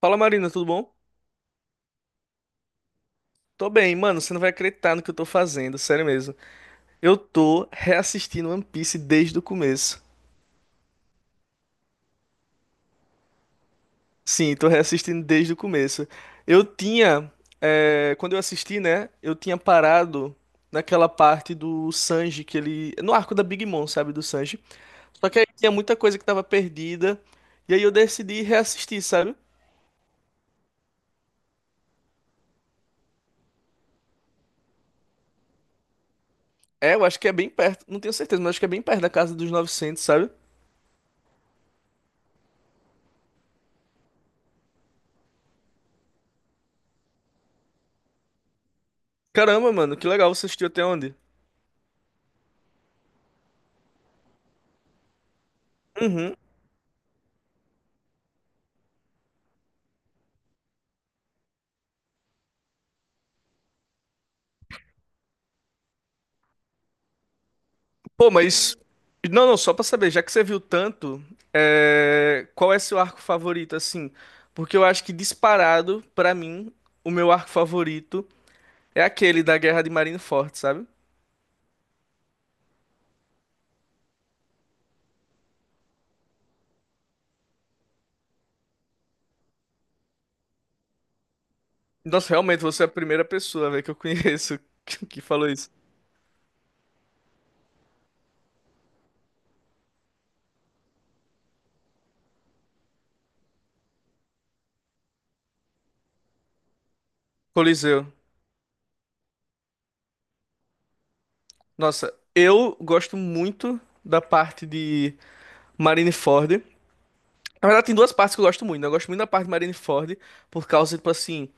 Fala Marina, tudo bom? Tô bem, mano, você não vai acreditar no que eu tô fazendo, sério mesmo. Eu tô reassistindo One Piece desde o começo. Sim, tô reassistindo desde o começo. Eu tinha, quando eu assisti, né, eu tinha parado naquela parte do Sanji que ele, no arco da Big Mom, sabe, do Sanji. Só que aí tinha muita coisa que tava perdida, e aí eu decidi reassistir, sabe? É, eu acho que é bem perto, não tenho certeza, mas acho que é bem perto da casa dos 900, sabe? Caramba, mano, que legal, você assistiu até onde? Uhum. Pô, mas. Não, não, só pra saber, já que você viu tanto, qual é seu arco favorito, assim? Porque eu acho que disparado, pra mim, o meu arco favorito é aquele da Guerra de Marineford, sabe? Nossa, realmente, você é a primeira pessoa, velho, que eu conheço que falou isso. Coliseu. Nossa, eu gosto muito da parte de Marineford. Na verdade, tem duas partes que eu gosto muito, né? Eu gosto muito da parte de Marineford, por causa, tipo assim.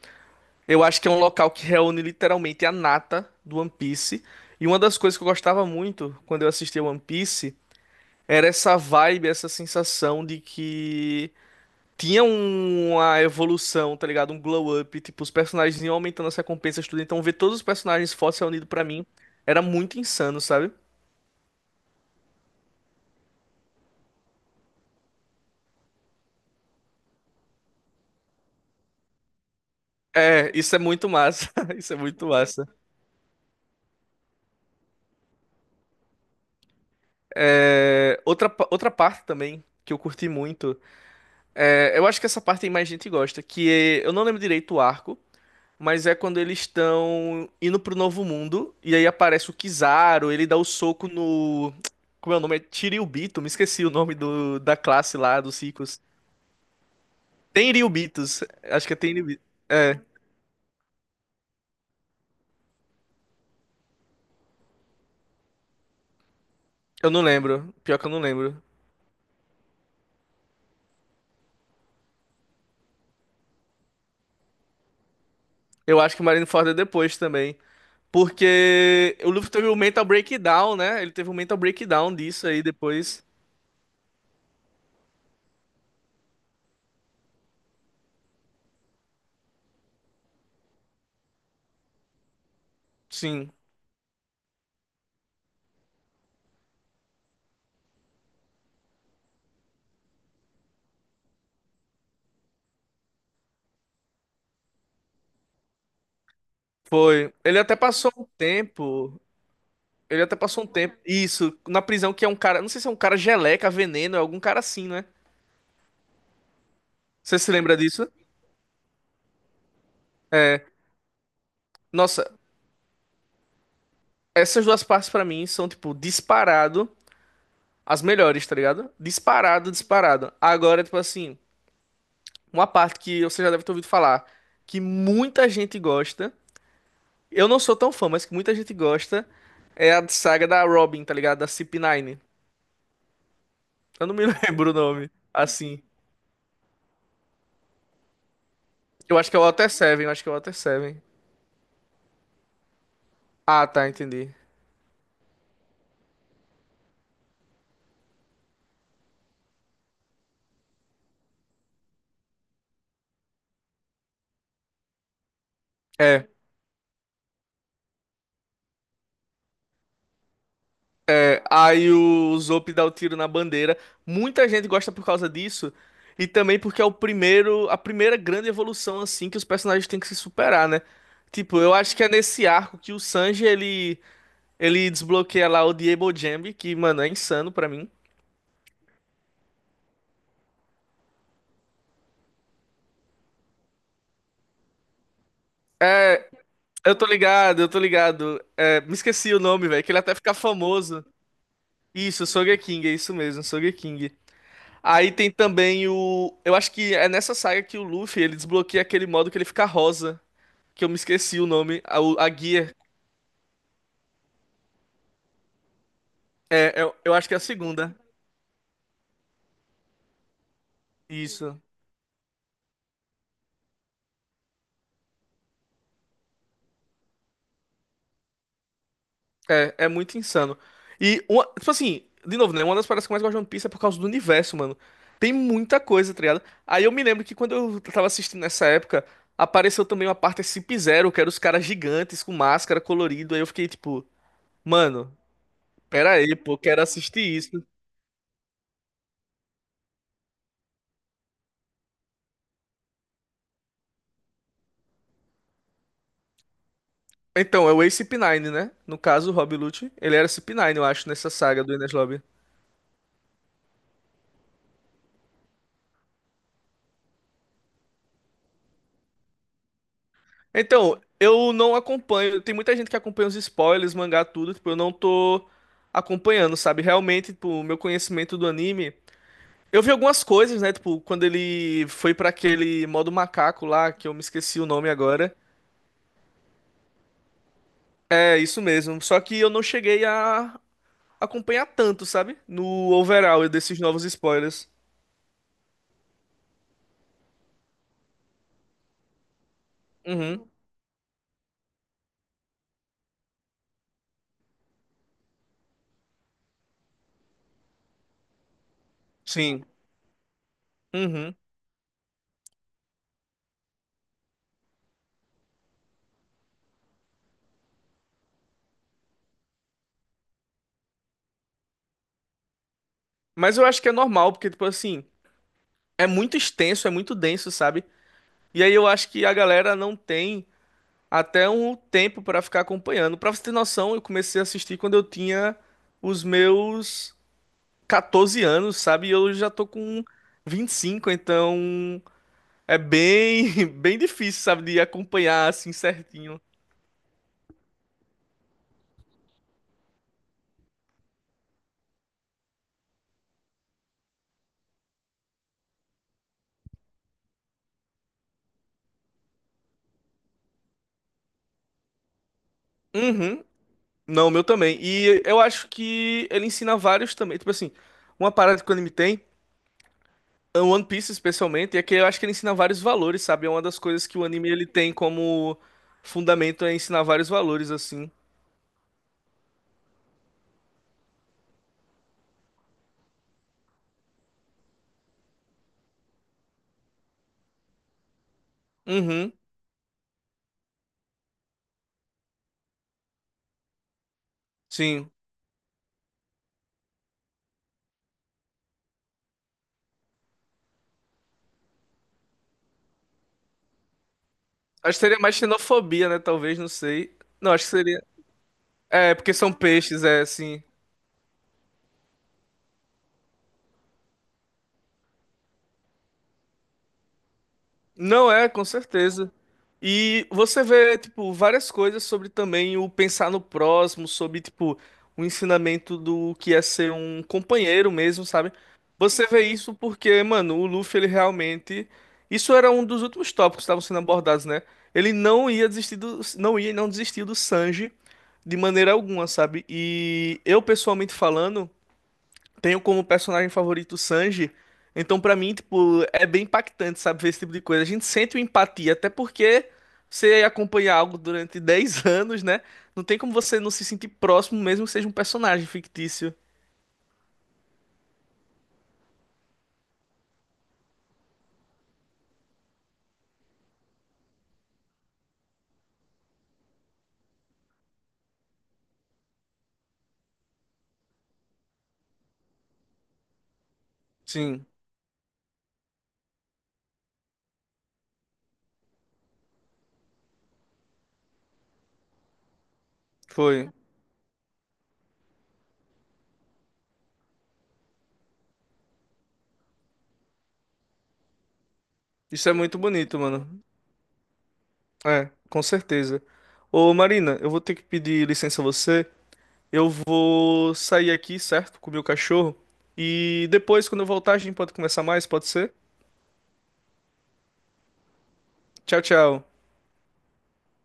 Eu acho que é um local que reúne literalmente a nata do One Piece. E uma das coisas que eu gostava muito quando eu assistia One Piece era essa vibe, essa sensação de que tinha uma evolução, tá ligado? Um glow up, tipo, os personagens iam aumentando as recompensas, tudo. Então ver todos os personagens fortes reunidos pra mim era muito insano, sabe? É, isso é muito massa. Isso é muito massa. É, outra, outra parte também que eu curti muito. É, eu acho que essa parte aí mais gente gosta, eu não lembro direito o arco, mas é quando eles estão indo pro Novo Mundo, e aí aparece o Kizaru, ele dá o soco no. Como é o nome? É Tiriubito, me esqueci o nome do, da classe lá, dos ricos. Tenryubitos, acho que é Tenryubitos. É, eu não lembro. Pior que eu não lembro. Eu acho que o Marineford é depois também. Porque o Luffy teve um mental breakdown, né? Ele teve um mental breakdown disso aí depois. Sim, foi. Ele até passou um tempo. Ele até passou um tempo. Isso, na prisão que é um cara. Não sei se é um cara geleca, veneno, é algum cara assim, né? Você se lembra disso? Nossa, essas duas partes pra mim são, tipo, disparado. As melhores, tá ligado? Disparado, disparado. Agora, tipo assim, uma parte que você já deve ter ouvido falar, que muita gente gosta. Eu não sou tão fã, mas que muita gente gosta. É a saga da Robin, tá ligado? Da CP9. Eu não me lembro o nome. Assim. Eu acho que é o Water Seven, eu acho que é o Water Seven. Ah, tá, entendi. é É, aí o Zop dá o tiro na bandeira. Muita gente gosta por causa disso. E também porque é o primeiro, a primeira grande evolução assim que os personagens têm que se superar, né? Tipo, eu acho que é nesse arco que o Sanji ele desbloqueia lá o Diebo Jambi, que, mano, é insano pra mim. Eu tô ligado, eu tô ligado. É, me esqueci o nome, velho, que ele até fica famoso. Isso, Sogeking, é isso mesmo, Sogeking. Aí tem também o, eu acho que é nessa saga que o Luffy ele desbloqueia aquele modo que ele fica rosa, que eu me esqueci o nome. A guia. É, eu acho que é a segunda. Isso. É, é muito insano. E, tipo assim, de novo, né? Uma das paradas que eu mais gosto de One Piece é por causa do universo, mano. Tem muita coisa, tá ligado? Aí eu me lembro que quando eu tava assistindo nessa época, apareceu também uma parte Sub-Zero, que era os caras gigantes com máscara colorido. Aí eu fiquei tipo, mano, pera aí, pô, quero assistir isso. Então, é o Ace 9, né? No caso, o Rob Lucci, ele era Cip9, eu acho, nessa saga do Enies Lobby. Então, eu não acompanho. Tem muita gente que acompanha os spoilers, mangá, tudo. Tipo, eu não tô acompanhando, sabe? Realmente, tipo, o meu conhecimento do anime. Eu vi algumas coisas, né? Tipo, quando ele foi pra aquele modo macaco lá, que eu me esqueci o nome agora. É, isso mesmo. Só que eu não cheguei a acompanhar tanto, sabe? No overall desses novos spoilers. Uhum. Sim. Uhum. Mas eu acho que é normal, porque, tipo assim, é muito extenso, é muito denso, sabe? E aí eu acho que a galera não tem, até um tempo pra ficar acompanhando. Pra você ter noção, eu comecei a assistir quando eu tinha os meus 14 anos, sabe? E eu já tô com 25, então é bem, bem difícil, sabe, de acompanhar assim certinho. Uhum. Não, o meu também. E eu acho que ele ensina vários também. Tipo assim, uma parada que o anime tem, é o One Piece especialmente, é que eu acho que ele ensina vários valores, sabe? É uma das coisas que o anime ele tem como fundamento é ensinar vários valores, assim. Uhum. Sim. Acho que seria mais xenofobia, né? Talvez, não sei. Não, acho que seria. É, porque são peixes, é assim. Não é, com certeza. E você vê, tipo, várias coisas sobre também o pensar no próximo, sobre, tipo, o ensinamento do que é ser um companheiro mesmo, sabe? Você vê isso porque, mano, o Luffy, ele realmente. Isso era um dos últimos tópicos que estavam sendo abordados, né? Ele não ia desistir do. Não ia e não desistir do Sanji de maneira alguma, sabe? E eu, pessoalmente falando. Tenho como personagem favorito o Sanji. Então, pra mim, tipo, é bem impactante, sabe, ver esse tipo de coisa. A gente sente uma empatia, até porque você acompanha algo durante 10 anos, né? Não tem como você não se sentir próximo, mesmo que seja um personagem fictício. Sim, foi. Isso é muito bonito, mano. É, com certeza. Ô, Marina, eu vou ter que pedir licença a você. Eu vou sair aqui, certo? Com o meu cachorro. E depois, quando eu voltar, a gente pode conversar mais, pode ser? Tchau, tchau.